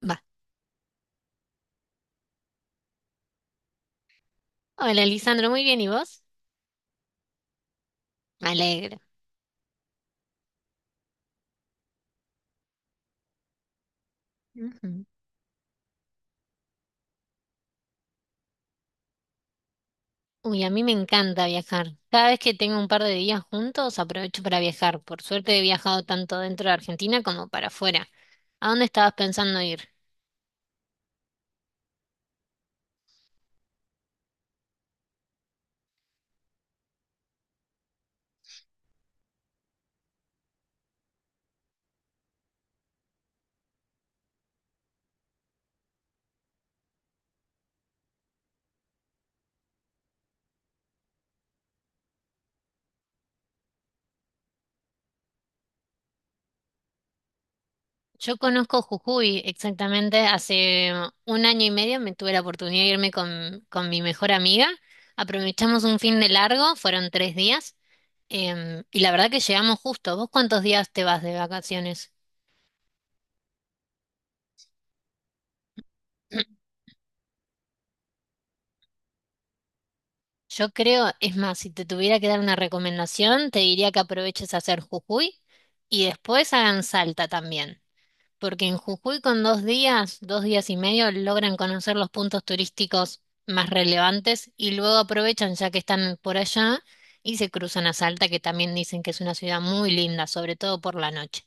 Va. Hola, Lisandro, muy bien, ¿y vos? Me alegro. Ujú. Uy, a mí me encanta viajar. Cada vez que tengo un par de días juntos, aprovecho para viajar. Por suerte he viajado tanto dentro de Argentina como para afuera. ¿A dónde estabas pensando ir? Yo conozco Jujuy exactamente. Hace un año y medio me tuve la oportunidad de irme con mi mejor amiga. Aprovechamos un fin de largo, fueron 3 días. Y la verdad que llegamos justo. ¿Vos cuántos días te vas de vacaciones? Yo creo, es más, si te tuviera que dar una recomendación, te diría que aproveches a hacer Jujuy y después hagan Salta también, porque en Jujuy con 2 días, 2 días y medio, logran conocer los puntos turísticos más relevantes y luego aprovechan ya que están por allá y se cruzan a Salta, que también dicen que es una ciudad muy linda, sobre todo por la noche.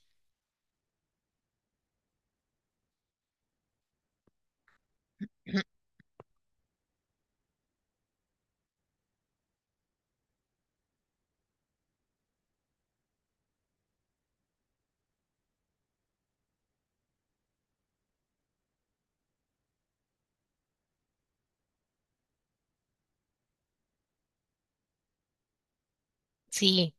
Sí.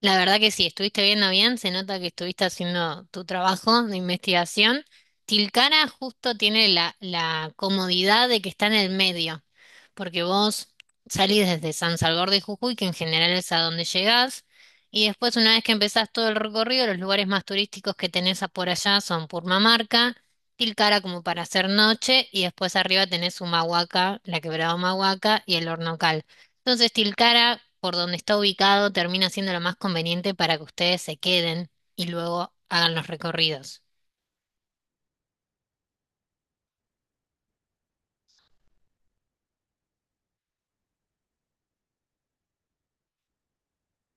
La verdad que sí, estuviste viendo bien, se nota que estuviste haciendo tu trabajo de investigación. Tilcara justo tiene la comodidad de que está en el medio, porque vos salís desde San Salvador de Jujuy, que en general es a donde llegás, y después una vez que empezás todo el recorrido, los lugares más turísticos que tenés a por allá son Purmamarca, Tilcara como para hacer noche, y después arriba tenés Humahuaca, la quebrada Humahuaca y el Hornocal. Entonces, Tilcara, por donde está ubicado, termina siendo lo más conveniente para que ustedes se queden y luego hagan los recorridos.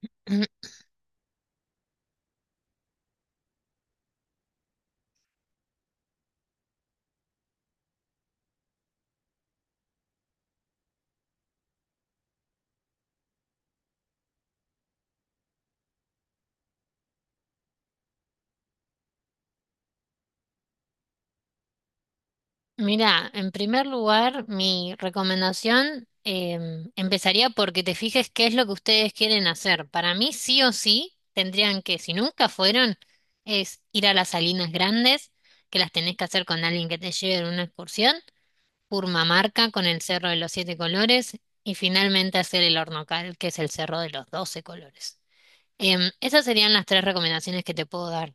Mira, en primer lugar, mi recomendación empezaría porque te fijes qué es lo que ustedes quieren hacer. Para mí, sí o sí, tendrían que, si nunca fueron, es ir a las Salinas Grandes, que las tenés que hacer con alguien que te lleve en una excursión. Purmamarca con el Cerro de los Siete Colores y finalmente hacer el Hornocal, que es el Cerro de los Doce Colores. Esas serían las tres recomendaciones que te puedo dar.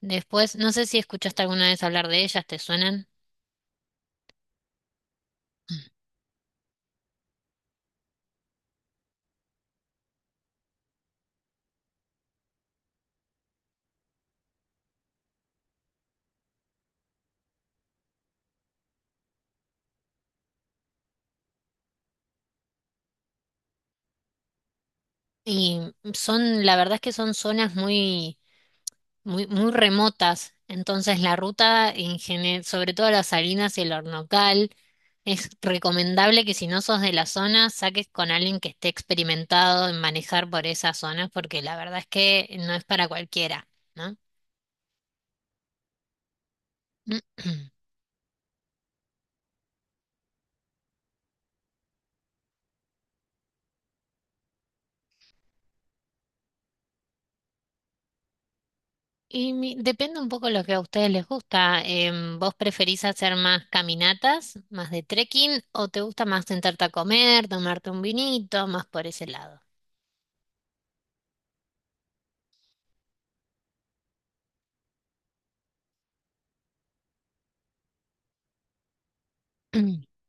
Después, no sé si escuchaste alguna vez hablar de ellas, ¿te suenan? Y son, la verdad es que son zonas muy muy, muy remotas. Entonces la ruta, en gene- sobre todo las Salinas y el Hornocal, es recomendable que si no sos de la zona, saques con alguien que esté experimentado en manejar por esas zonas, porque la verdad es que no es para cualquiera, ¿no? Depende un poco lo que a ustedes les gusta. ¿Vos preferís hacer más caminatas, más de trekking, o te gusta más sentarte a comer, tomarte un vinito, más por ese lado?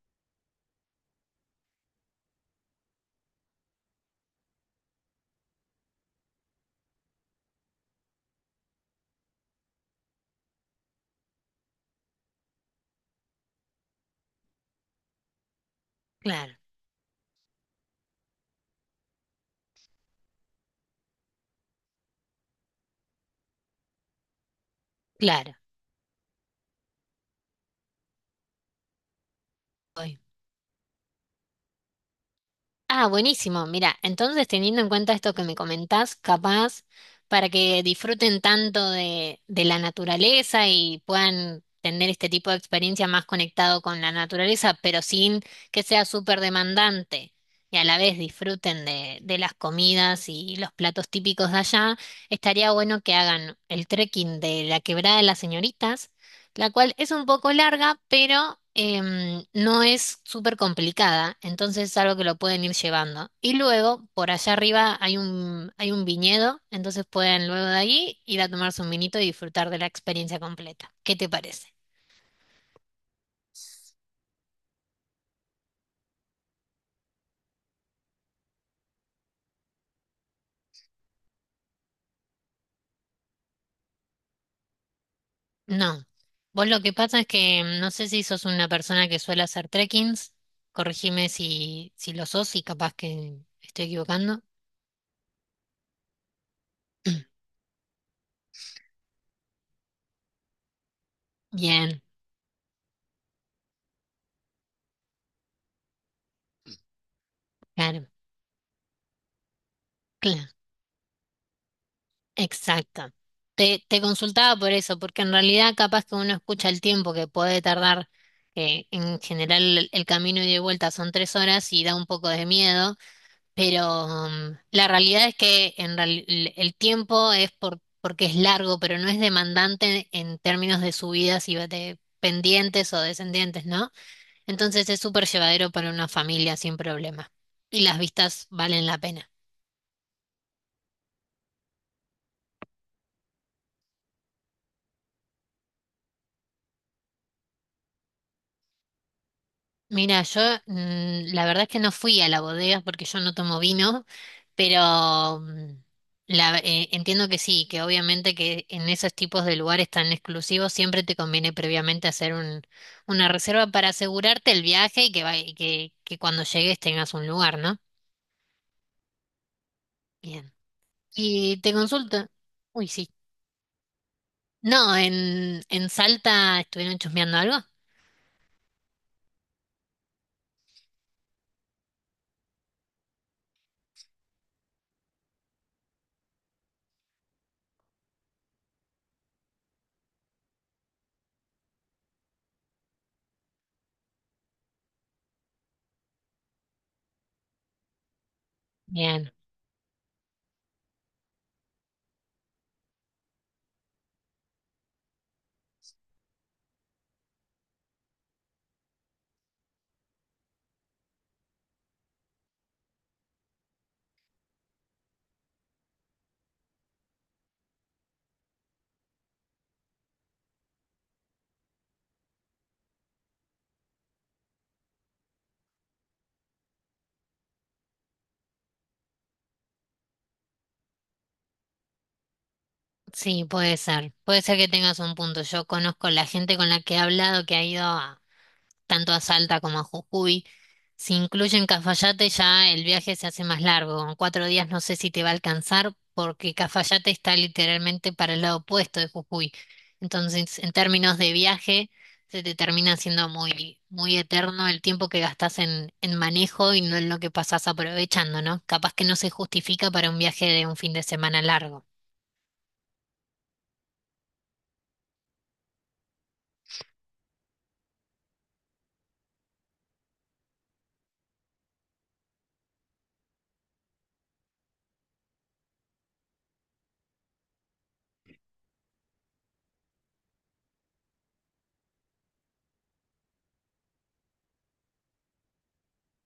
Claro, claro. Ah, buenísimo. Mira, entonces teniendo en cuenta esto que me comentás, capaz para que disfruten tanto de la naturaleza y puedan tener este tipo de experiencia más conectado con la naturaleza, pero sin que sea súper demandante y a la vez disfruten de las comidas y los platos típicos de allá, estaría bueno que hagan el trekking de la Quebrada de las Señoritas la cual es un poco larga, pero no es súper complicada, entonces es algo que lo pueden ir llevando. Y luego, por allá arriba hay un viñedo, entonces pueden luego de ahí ir a tomarse un vinito y disfrutar de la experiencia completa. ¿Qué te parece? No. Vos lo que pasa es que no sé si sos una persona que suele hacer trekkings, corregime si lo sos y capaz que estoy equivocando. Bien, claro. Claro. Exacto. Te consultaba por eso, porque en realidad capaz que uno escucha el tiempo que puede tardar, en general el camino y de vuelta son 3 horas y da un poco de miedo, pero la realidad es que el tiempo es porque es largo, pero no es demandante en términos de subidas y de pendientes o descendientes, ¿no? Entonces es súper llevadero para una familia sin problema. Y las vistas valen la pena. Mira, yo la verdad es que no fui a la bodega porque yo no tomo vino, pero entiendo que sí, que obviamente que en esos tipos de lugares tan exclusivos siempre te conviene previamente hacer una reserva para asegurarte el viaje y que, cuando llegues tengas un lugar, ¿no? Bien. Y te consulto. Uy, sí. No, en Salta estuvieron chusmeando algo. Bien, sí, puede ser. Puede ser que tengas un punto. Yo conozco la gente con la que he hablado que ha ido tanto a Salta como a Jujuy. Si incluyen Cafayate, ya el viaje se hace más largo. Con 4 días no sé si te va a alcanzar, porque Cafayate está literalmente para el lado opuesto de Jujuy. Entonces, en términos de viaje, se te termina haciendo muy, muy eterno el tiempo que gastas en manejo y no en lo que pasás aprovechando, ¿no? Capaz que no se justifica para un viaje de un fin de semana largo.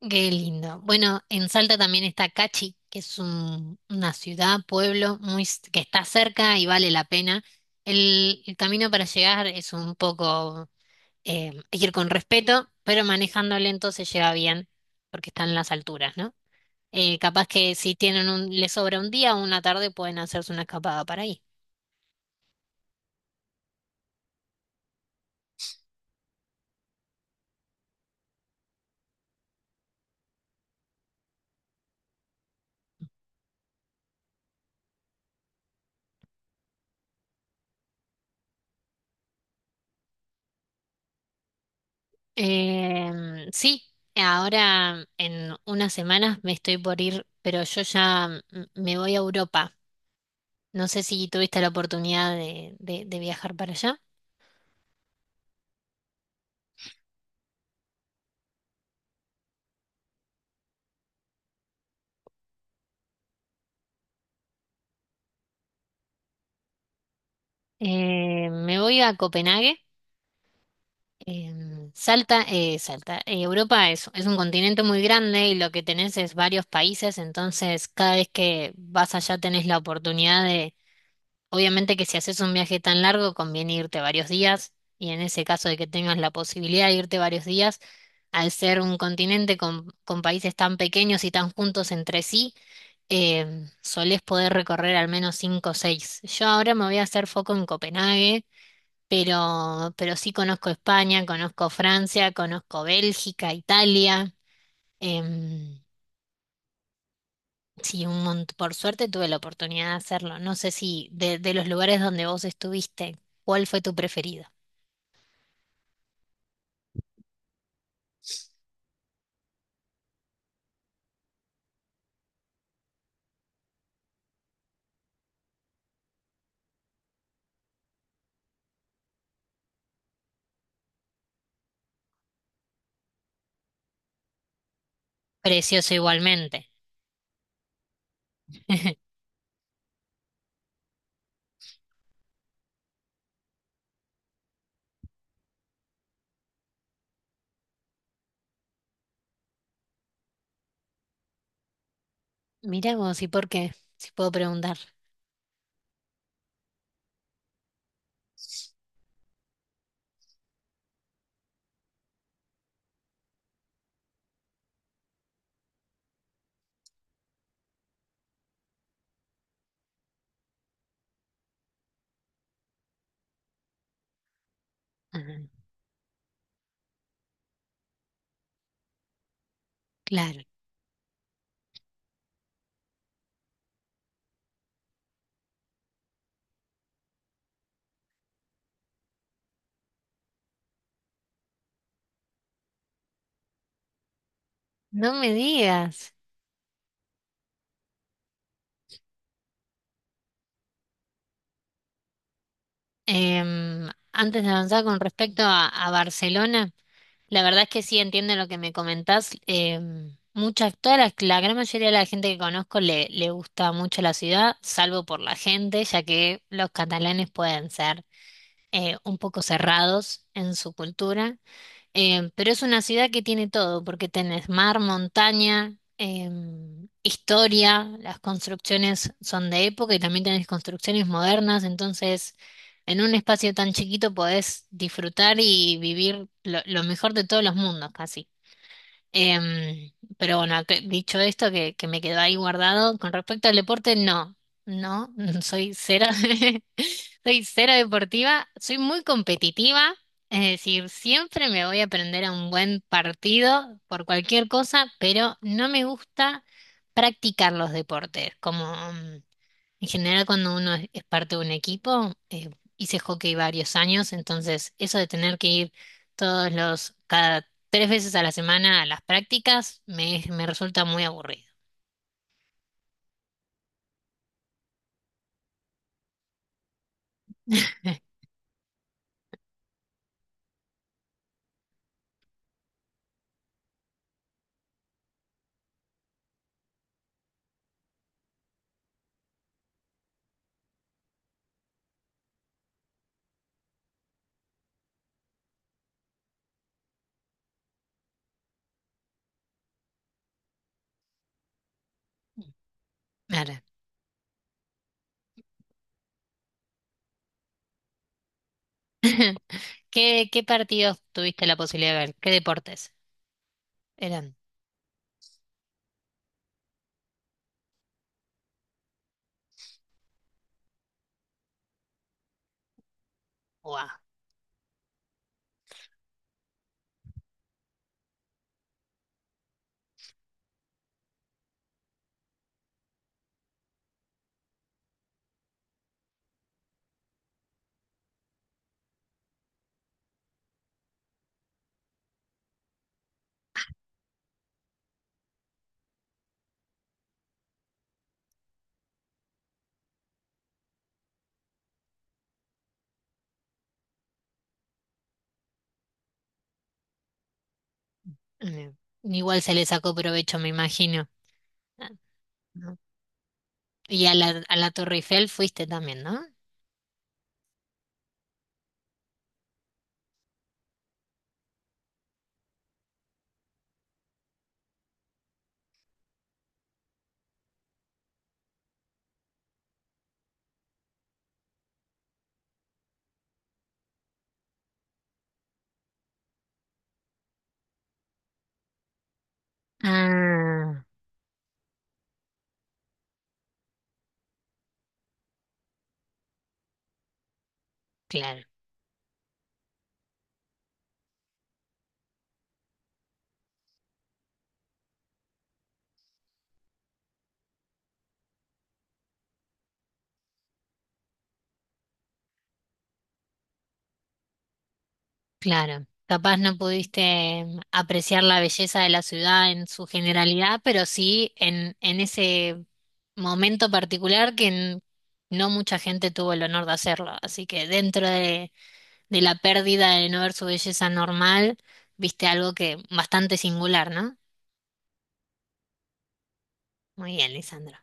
Qué lindo. Bueno, en Salta también está Cachi, una ciudad, pueblo, muy, que está cerca y vale la pena. El camino para llegar es un poco, hay que ir con respeto, pero manejando lento se llega bien, porque están en las alturas, ¿no? Capaz que si tienen les sobra un día o una tarde, pueden hacerse una escapada para ahí. Sí, ahora en unas semanas me estoy por ir, pero yo ya me voy a Europa. No sé si tuviste la oportunidad de viajar para allá. Me voy a Copenhague. Salta, Salta. Europa es un continente muy grande y lo que tenés es varios países, entonces cada vez que vas allá tenés la oportunidad de, obviamente que si haces un viaje tan largo conviene irte varios días y en ese caso de que tengas la posibilidad de irte varios días, al ser un continente con países tan pequeños y tan juntos entre sí. Solés poder recorrer al menos cinco o seis. Yo ahora me voy a hacer foco en Copenhague, pero sí conozco España, conozco Francia, conozco Bélgica, Italia. em, sí, por suerte tuve la oportunidad de hacerlo. No sé si de los lugares donde vos estuviste, ¿cuál fue tu preferido? Precioso igualmente. Mirá vos, ¿y por qué? Si puedo preguntar. Ah, claro. No me digas. Antes de avanzar con respecto a Barcelona, la verdad es que sí entiendo lo que me comentás. Toda la gran mayoría de la gente que conozco le gusta mucho la ciudad, salvo por la gente, ya que los catalanes pueden ser un poco cerrados en su cultura. Pero es una ciudad que tiene todo, porque tenés mar, montaña, historia, las construcciones son de época y también tenés construcciones modernas, entonces en un espacio tan chiquito podés disfrutar y vivir lo mejor de todos los mundos, casi. Em, pero bueno, dicho esto, que me quedó ahí guardado, con respecto al deporte, no, no, soy cero, soy cero deportiva, soy muy competitiva, es decir, siempre me voy a prender a un buen partido por cualquier cosa, pero no me gusta practicar los deportes, como, mm, en general, cuando uno es parte de un equipo, hice hockey varios años, entonces eso de tener que ir cada tres veces a la semana a las prácticas, me resulta muy aburrido. Ahora, ¿Qué partidos tuviste la posibilidad de ver? ¿Qué deportes eran? Guau. Mm, Igual se le sacó provecho, me imagino. Ah, ¿no? Y a la Torre Eiffel fuiste también, ¿no? Ah, claro. Claro, capaz no pudiste apreciar la belleza de la ciudad en su generalidad, pero sí en ese momento particular que no mucha gente tuvo el honor de hacerlo. Así que dentro de la pérdida de no ver su belleza normal, viste algo que bastante singular, ¿no? Muy bien, Lisandro.